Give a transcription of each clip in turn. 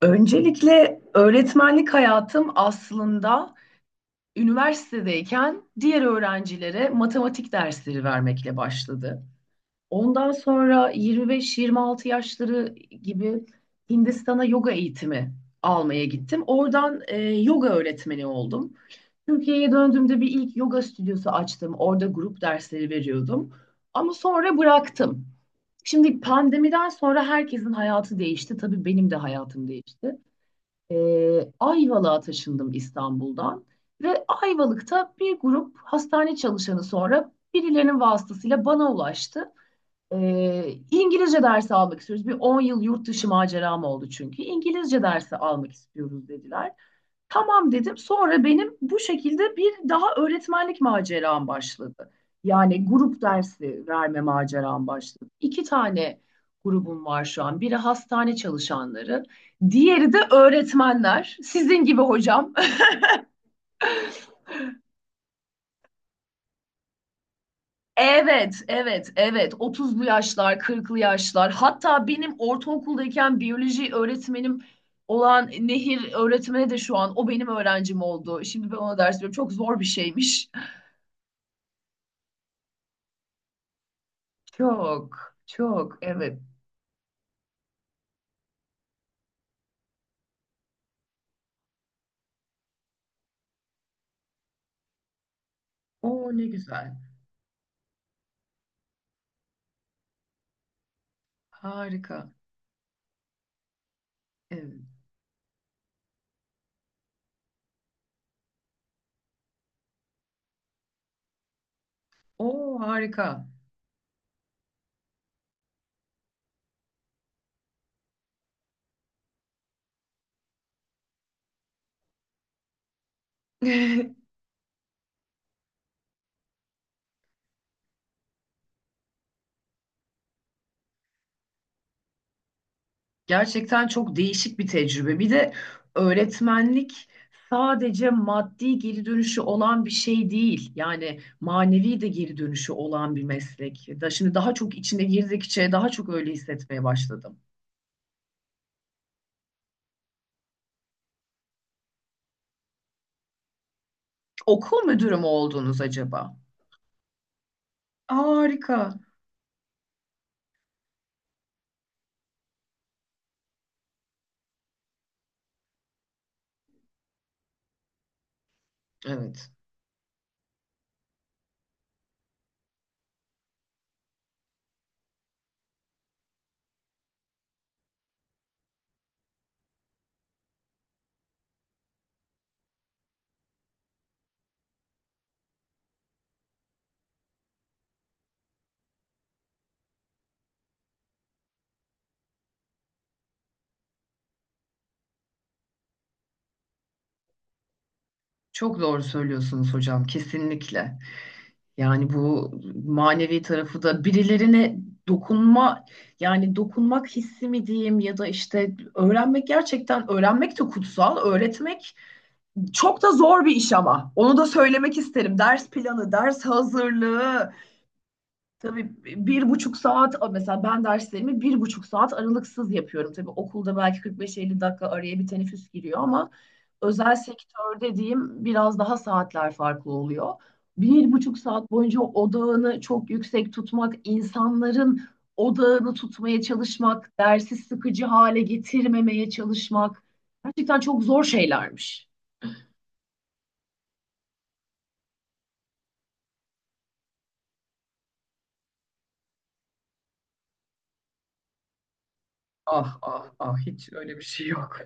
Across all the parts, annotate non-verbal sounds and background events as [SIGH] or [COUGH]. Öncelikle öğretmenlik hayatım aslında üniversitedeyken diğer öğrencilere matematik dersleri vermekle başladı. Ondan sonra 25-26 yaşları gibi Hindistan'a yoga eğitimi almaya gittim. Oradan yoga öğretmeni oldum. Türkiye'ye döndüğümde bir ilk yoga stüdyosu açtım. Orada grup dersleri veriyordum. Ama sonra bıraktım. Şimdi pandemiden sonra herkesin hayatı değişti. Tabii benim de hayatım değişti. Ayvalık'a taşındım İstanbul'dan ve Ayvalık'ta bir grup hastane çalışanı sonra birilerinin vasıtasıyla bana ulaştı. İngilizce dersi almak istiyoruz. Bir 10 yıl yurt dışı maceram oldu çünkü. İngilizce dersi almak istiyoruz dediler. Tamam dedim. Sonra benim bu şekilde bir daha öğretmenlik maceram başladı. Yani grup dersi verme maceram başladı. İki tane grubum var şu an. Biri hastane çalışanları, diğeri de öğretmenler. Sizin gibi hocam. [LAUGHS] Evet, evet, evet. 30'lu yaşlar, 40'lı yaşlar. Hatta benim ortaokuldayken biyoloji öğretmenim olan Nehir öğretmeni de şu an o benim öğrencim oldu. Şimdi ben ona ders veriyorum. Çok zor bir şeymiş. Çok, çok, evet. O ne güzel. Harika. Evet. O harika. [LAUGHS] Gerçekten çok değişik bir tecrübe. Bir de öğretmenlik sadece maddi geri dönüşü olan bir şey değil. Yani manevi de geri dönüşü olan bir meslek. Da şimdi daha çok içine girdikçe daha çok öyle hissetmeye başladım. Okul müdürü mü oldunuz acaba? Harika. Evet. Çok doğru söylüyorsunuz hocam, kesinlikle. Yani bu manevi tarafı da birilerine dokunma, yani dokunmak hissi mi diyeyim ya da işte öğrenmek, gerçekten öğrenmek de kutsal, öğretmek çok da zor bir iş ama onu da söylemek isterim. Ders planı, ders hazırlığı. Tabii 1,5 saat mesela, ben derslerimi 1,5 saat aralıksız yapıyorum. Tabii okulda belki 45-50 dakika araya bir teneffüs giriyor ama özel sektörde diyeyim, biraz daha saatler farklı oluyor. 1,5 saat boyunca odağını çok yüksek tutmak, insanların odağını tutmaya çalışmak, dersi sıkıcı hale getirmemeye çalışmak gerçekten çok zor şeylermiş. Ah ah ah, hiç öyle bir şey yok.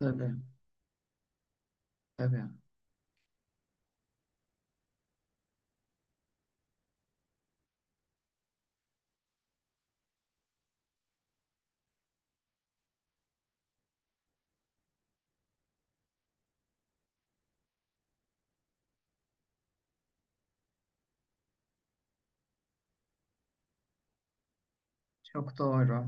Tabii tabii. Çok doğru.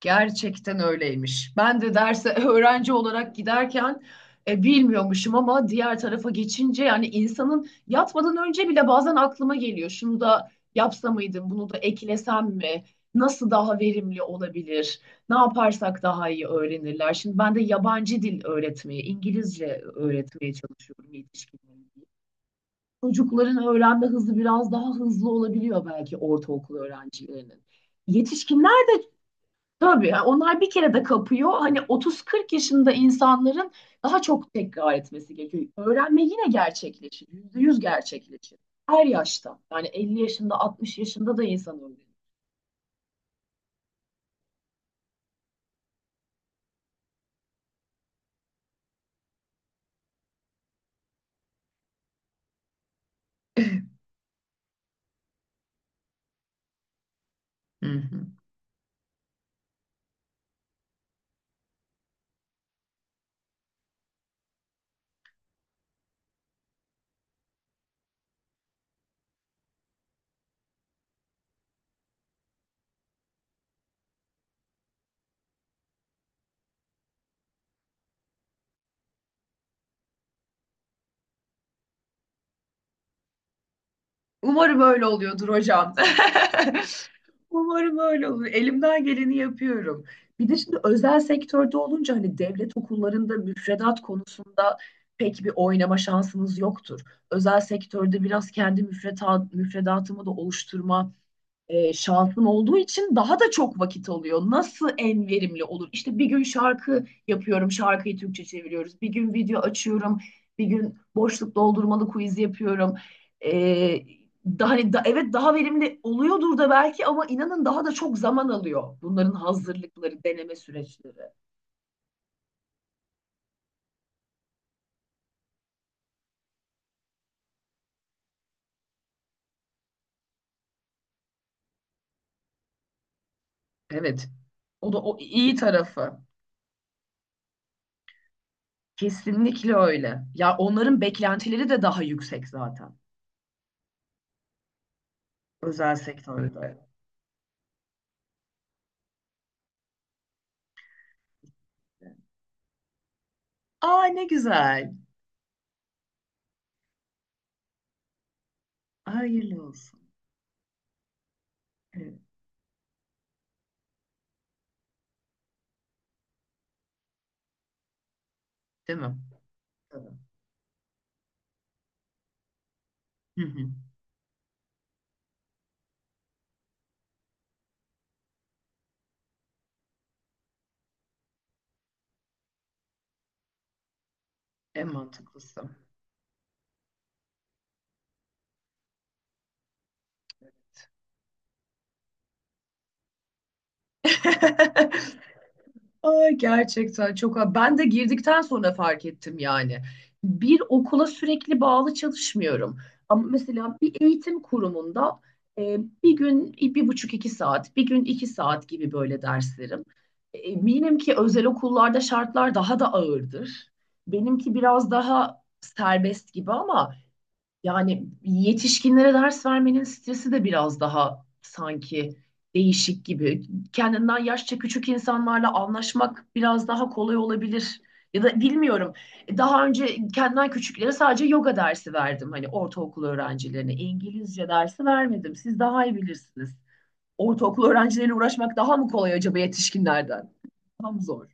Gerçekten öyleymiş. Ben de derse [LAUGHS] öğrenci olarak giderken bilmiyormuşum ama diğer tarafa geçince, yani insanın yatmadan önce bile bazen aklıma geliyor. Şunu da yapsa mıydım, bunu da eklesem mi? Nasıl daha verimli olabilir? Ne yaparsak daha iyi öğrenirler? Şimdi ben de yabancı dil öğretmeye, İngilizce öğretmeye çalışıyorum yetişkinlere. Çocukların öğrenme hızı biraz daha hızlı olabiliyor belki, ortaokul öğrencilerinin. Yetişkinler de. Tabii yani, onlar bir kere de kapıyor. Hani 30-40 yaşında insanların daha çok tekrar etmesi gerekiyor. Öğrenme yine gerçekleşir. %100 gerçekleşir. Her yaşta. Yani 50 yaşında, 60 yaşında da insan öğreniyor. Hı hı. Umarım öyle oluyordur hocam. [LAUGHS] Umarım öyle olur. Elimden geleni yapıyorum. Bir de şimdi özel sektörde olunca, hani devlet okullarında müfredat konusunda pek bir oynama şansınız yoktur. Özel sektörde biraz kendi müfredatımı da oluşturma şansım olduğu için daha da çok vakit alıyor. Nasıl en verimli olur? İşte bir gün şarkı yapıyorum, şarkıyı Türkçe çeviriyoruz. Bir gün video açıyorum, bir gün boşluk doldurmalı quiz yapıyorum. E, daha, hani da, evet daha verimli oluyordur da belki ama inanın daha da çok zaman alıyor. Bunların hazırlıkları, deneme süreçleri. Evet. O da o iyi tarafı. Kesinlikle öyle. Ya onların beklentileri de daha yüksek zaten. Özel sektörde. Aa ne güzel. Hayırlı olsun. Evet, değil mi? Tabii. Hı hı. En mantıklısı. [LAUGHS] Ay, gerçekten çok, ben de girdikten sonra fark ettim yani. Bir okula sürekli bağlı çalışmıyorum. Ama mesela bir eğitim kurumunda bir gün 1,5 2 saat, bir gün 2 saat gibi böyle derslerim. Eminim ki özel okullarda şartlar daha da ağırdır. Benimki biraz daha serbest gibi ama. Yani yetişkinlere ders vermenin stresi de biraz daha sanki değişik gibi. Kendinden yaşça küçük insanlarla anlaşmak biraz daha kolay olabilir. Ya da bilmiyorum. Daha önce kendimden küçüklere sadece yoga dersi verdim. Hani ortaokul öğrencilerine İngilizce dersi vermedim. Siz daha iyi bilirsiniz. Ortaokul öğrencileriyle uğraşmak daha mı kolay acaba yetişkinlerden? Daha mı zor?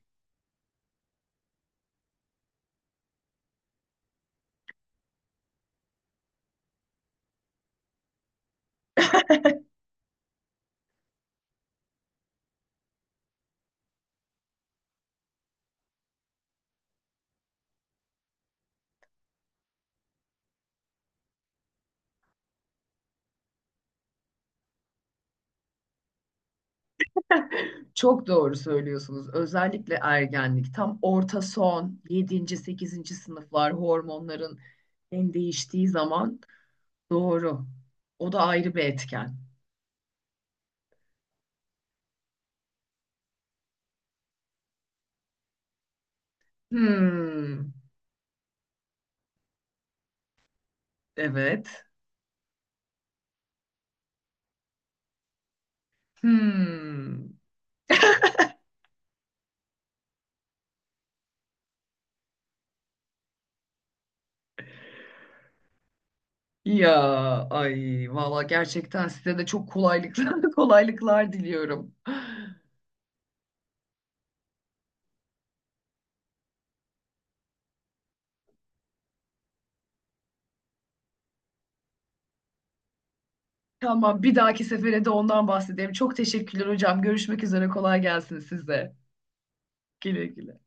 Çok doğru söylüyorsunuz. Özellikle ergenlik, tam orta son, yedinci, sekizinci sınıflar, hormonların en değiştiği zaman. Doğru. O da ayrı bir etken. Hmm. Evet. Hmm. Ya, ay valla gerçekten size de çok kolaylıklar [LAUGHS] kolaylıklar diliyorum. Tamam, bir dahaki sefere de ondan bahsedeyim. Çok teşekkürler hocam. Görüşmek üzere, kolay gelsin size. Güle güle.